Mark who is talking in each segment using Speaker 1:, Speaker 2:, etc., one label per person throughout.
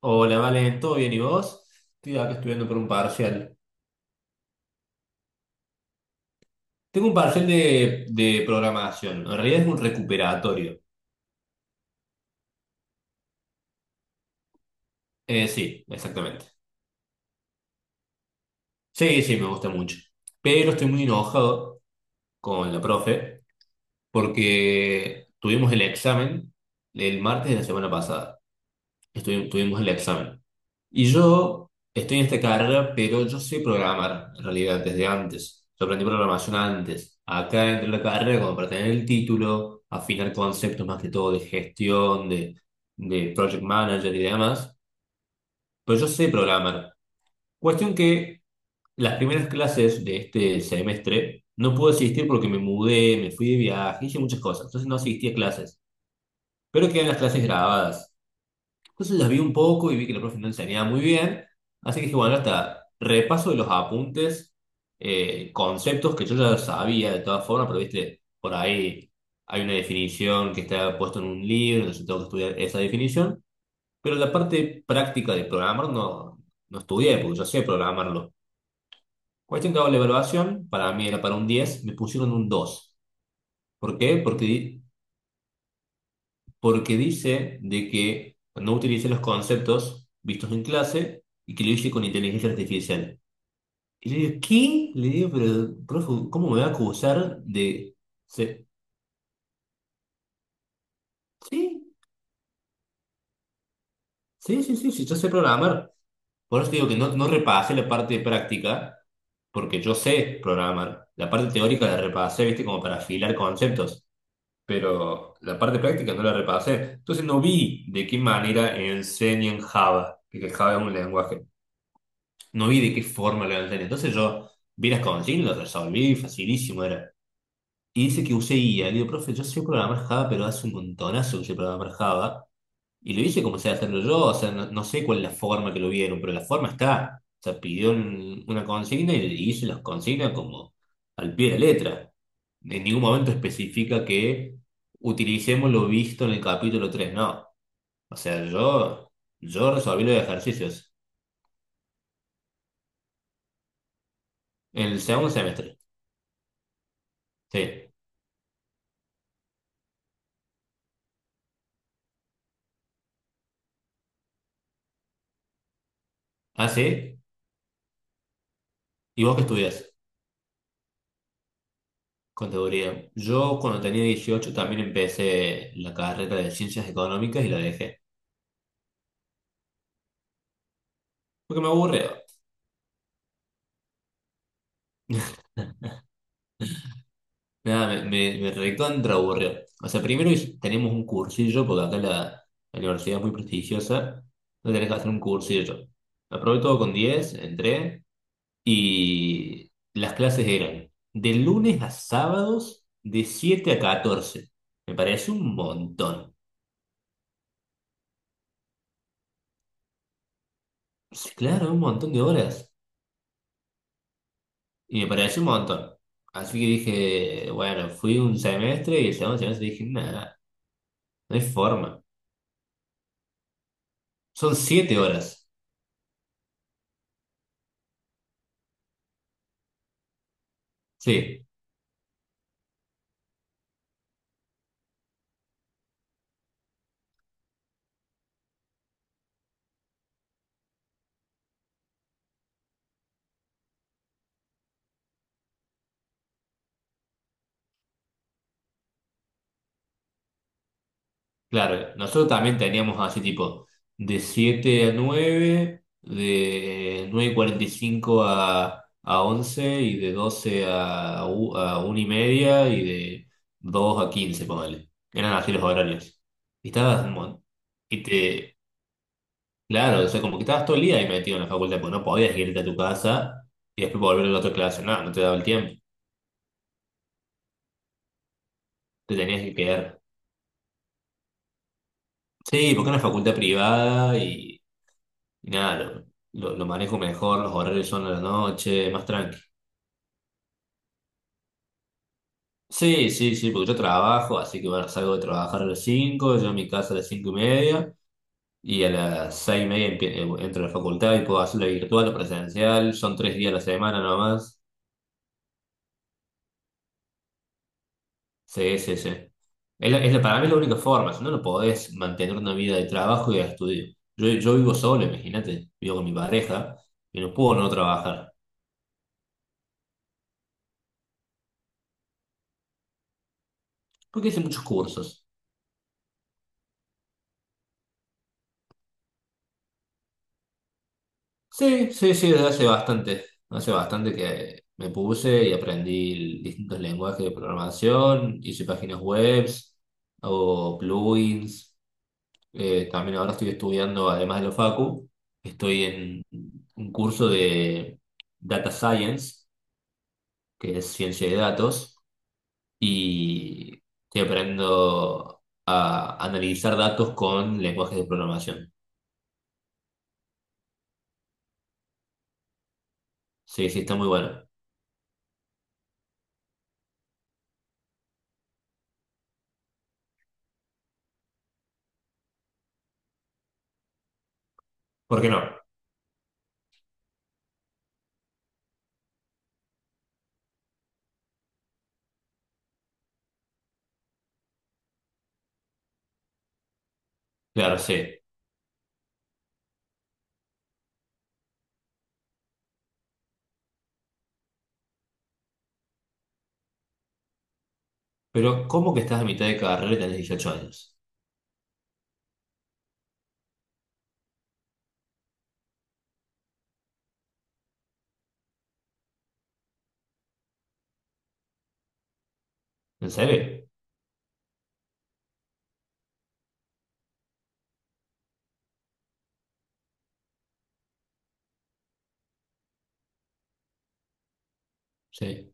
Speaker 1: Hola, Vale, ¿todo bien? ¿Y vos? Estoy acá estudiando por un parcial. Tengo un parcial de programación. En realidad es un recuperatorio. Sí, exactamente. Sí, sí, me gusta mucho. Pero estoy muy enojado con la profe porque tuvimos el examen el martes de la semana pasada. Tuvimos el examen. Y yo estoy en esta carrera, pero yo sé programar en realidad desde antes. Yo aprendí programación antes. Acá dentro de la carrera, como para tener el título, afinar conceptos más que todo de gestión, de project manager y demás. Pero yo sé programar. Cuestión que las primeras clases de este semestre no pude asistir porque me mudé, me fui de viaje, hice muchas cosas. Entonces no asistí a clases. Pero quedan las clases grabadas. Entonces las vi un poco y vi que la profe no enseñaba muy bien, así que dije, bueno, hasta repaso de los apuntes, conceptos que yo ya sabía de todas formas, pero viste, por ahí hay una definición que está puesta en un libro, entonces tengo que estudiar esa definición, pero la parte práctica de programar no, no estudié, porque yo sé programarlo. Cuestión que hago la evaluación, para mí era para un diez, me pusieron un dos. ¿Por qué? Porque dice de que no utilice los conceptos vistos en clase y que lo hice con inteligencia artificial. Y le digo, ¿qué? Le digo, pero, profe, ¿cómo me va a acusar de... se- Sí, sí, sí, sí, sí, yo sé programar. Por eso te digo que no, no repasé la parte de práctica, porque yo sé programar. La parte teórica la repasé, viste, como para afilar conceptos. Pero la parte práctica no la repasé. Entonces no vi de qué manera enseñan Java, porque Java es un lenguaje. No vi de qué forma lo levantaría. Entonces yo vi las consignas, lo resolví, facilísimo era. Y dice que usé IA. Le digo, profe, yo sé programar Java, pero hace un montonazo que sé programar Java. Y lo hice como sé hacerlo yo, o sea, no, no sé cuál es la forma que lo vieron, pero la forma está. O sea, pidió una consigna y hice las consignas como al pie de la letra. En ningún momento especifica que utilicemos lo visto en el capítulo tres, no. O sea, yo resolví los ejercicios en el segundo semestre. Sí. Ah, sí. ¿Y vos qué estudias? Contaduría. Yo cuando tenía 18 también empecé la carrera de ciencias económicas y la dejé. Porque me aburrió. Nada, me recontra aburrió. O sea, primero tenemos un cursillo, porque acá la universidad es muy prestigiosa. No tenés que hacer un cursillo. Aprobé todo con 10, entré y las clases eran de lunes a sábados de 7 a 14. Me pareció un montón. Claro, un montón de horas. Y me pareció un montón. Así que dije, bueno, fui un semestre y el segundo semestre dije, nada, no hay forma. Son 7 horas. Sí, claro. Nosotros también teníamos así tipo de 7 a 9, de 9 y 45 a 11 y de 12 a 1:30 y de 2 a 15, ponele. Eran así los horarios. Y estabas, mon- y te, Claro, o sea, como que estabas todo el día ahí metido en la facultad, porque no podías irte a tu casa y después volver a la otra clase. No, no te daba el tiempo. Te tenías que quedar. Sí, porque es una facultad privada y nada, lo manejo mejor, los horarios son a la noche, más tranqui. Sí, sí, sí, porque yo trabajo, así que bueno, salgo de trabajar a las 5, yo a mi casa a las 5 y media y a las 6:30 entro a la facultad y puedo hacerlo virtual o presencial. Son 3 días a la semana nomás. Sí, sí, sí. Es para mí es la única forma, si no, no podés mantener una vida de trabajo y de estudio. Yo vivo solo, imagínate, vivo con mi pareja y no puedo no trabajar, porque hice muchos cursos. Sí, sí, sí, desde hace bastante que me puse y aprendí distintos lenguajes de programación, hice páginas webs, hago plugins, también ahora estoy estudiando, además de lo facu, estoy en un curso de data science, que es ciencia de datos, y estoy aprendiendo a analizar datos con lenguajes de programación. Sí, sí, está muy bueno. ¿Por qué no? Claro, sí. Pero ¿cómo que estás a mitad de carrera y tenés 18 años? ¿En serio? Sí,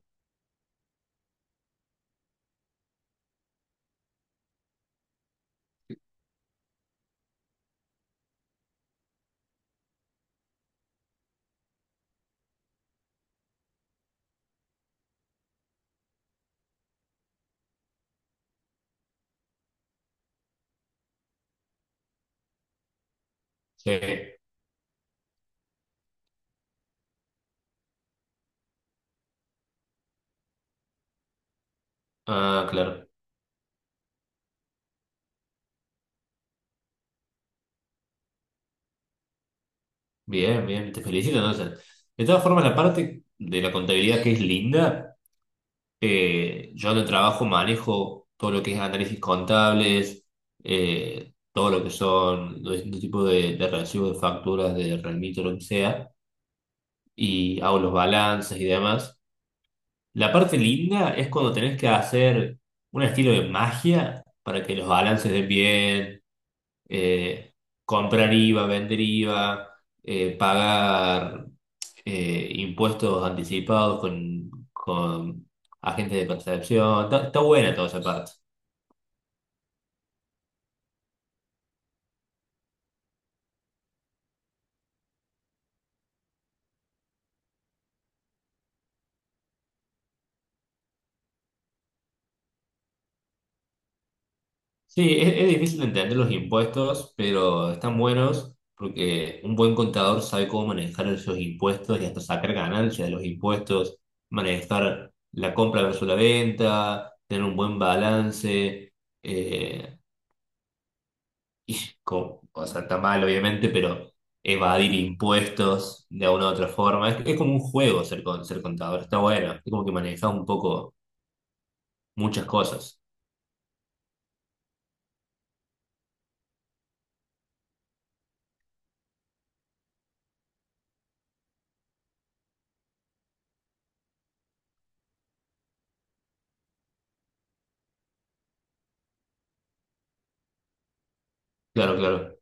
Speaker 1: sí. Ah, claro. Bien, bien, te felicito entonces. De todas formas, la parte de la contabilidad que es linda. Yo en el trabajo manejo todo lo que es análisis contables, todo lo que son los distintos tipos de recibos, de facturas, de remito, lo que sea, y hago los balances y demás. La parte linda es cuando tenés que hacer un estilo de magia para que los balances den bien, eh, comprar IVA, vender IVA, pagar impuestos anticipados con agentes de percepción. Está buena toda esa parte. Sí, es difícil de entender los impuestos, pero están buenos porque un buen contador sabe cómo manejar esos impuestos y hasta sacar ganancias de los impuestos, manejar la compra versus la venta, tener un buen balance. Eh, y o sea, está mal, obviamente, pero evadir impuestos de una u otra forma. Es como un juego ser contador, está bueno. Es como que manejas un poco muchas cosas. Claro, claro.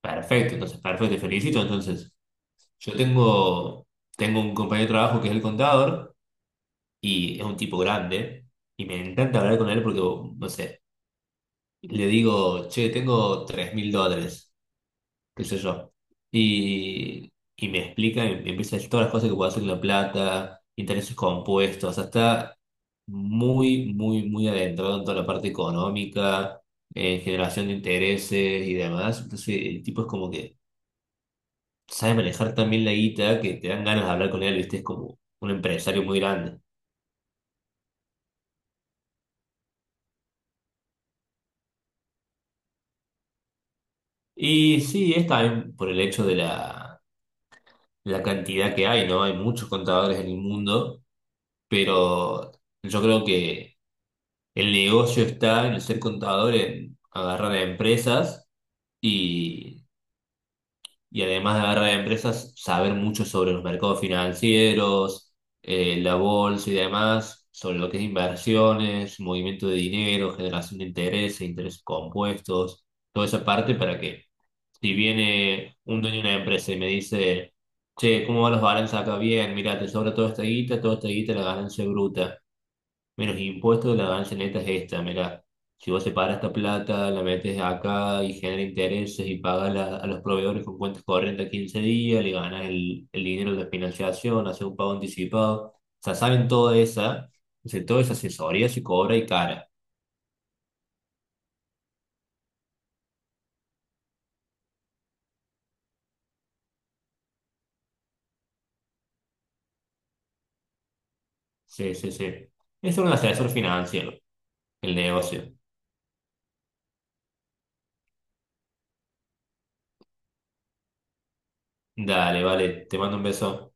Speaker 1: Perfecto, entonces, perfecto, te felicito. Entonces, yo tengo un compañero de trabajo que es el contador y es un tipo grande y me encanta hablar con él porque, no sé, le digo, che, tengo 3000 dólares. Qué sé yo. Y me explica, me empieza a decir todas las cosas que puedo hacer con la plata, intereses compuestos, o sea, está muy, muy, muy adentrado en toda la parte económica, generación de intereses y demás. Entonces, el tipo es como que sabe manejar también la guita, que te dan ganas de hablar con él, ¿viste? Es como un empresario muy grande. Y sí, es también por el hecho de la cantidad que hay, ¿no? Hay muchos contadores en el mundo, pero yo creo que el negocio está en el ser contador, en agarrar a empresas y, y además de agarrar a empresas, saber mucho sobre los mercados financieros, la bolsa y demás, sobre lo que es inversiones, movimiento de dinero, generación de intereses, intereses compuestos, toda esa parte para que, si viene un dueño de una empresa y me dice, che, ¿cómo van los balances acá? Bien, mira, te sobra toda esta guita, la ganancia bruta. Mira, los impuestos de la ganancia neta es esta, mira, si vos separas esta plata, la metes acá y genera intereses y pagas a los proveedores con cuentas corrientes a 15 días, le ganas el dinero de la financiación, haces un pago anticipado, o sea, saben toda esa, o sea, toda esa asesoría se cobra, y cara. Sí, sí, sí. Es un asesor financiero, el negocio. Dale, vale, te mando un beso.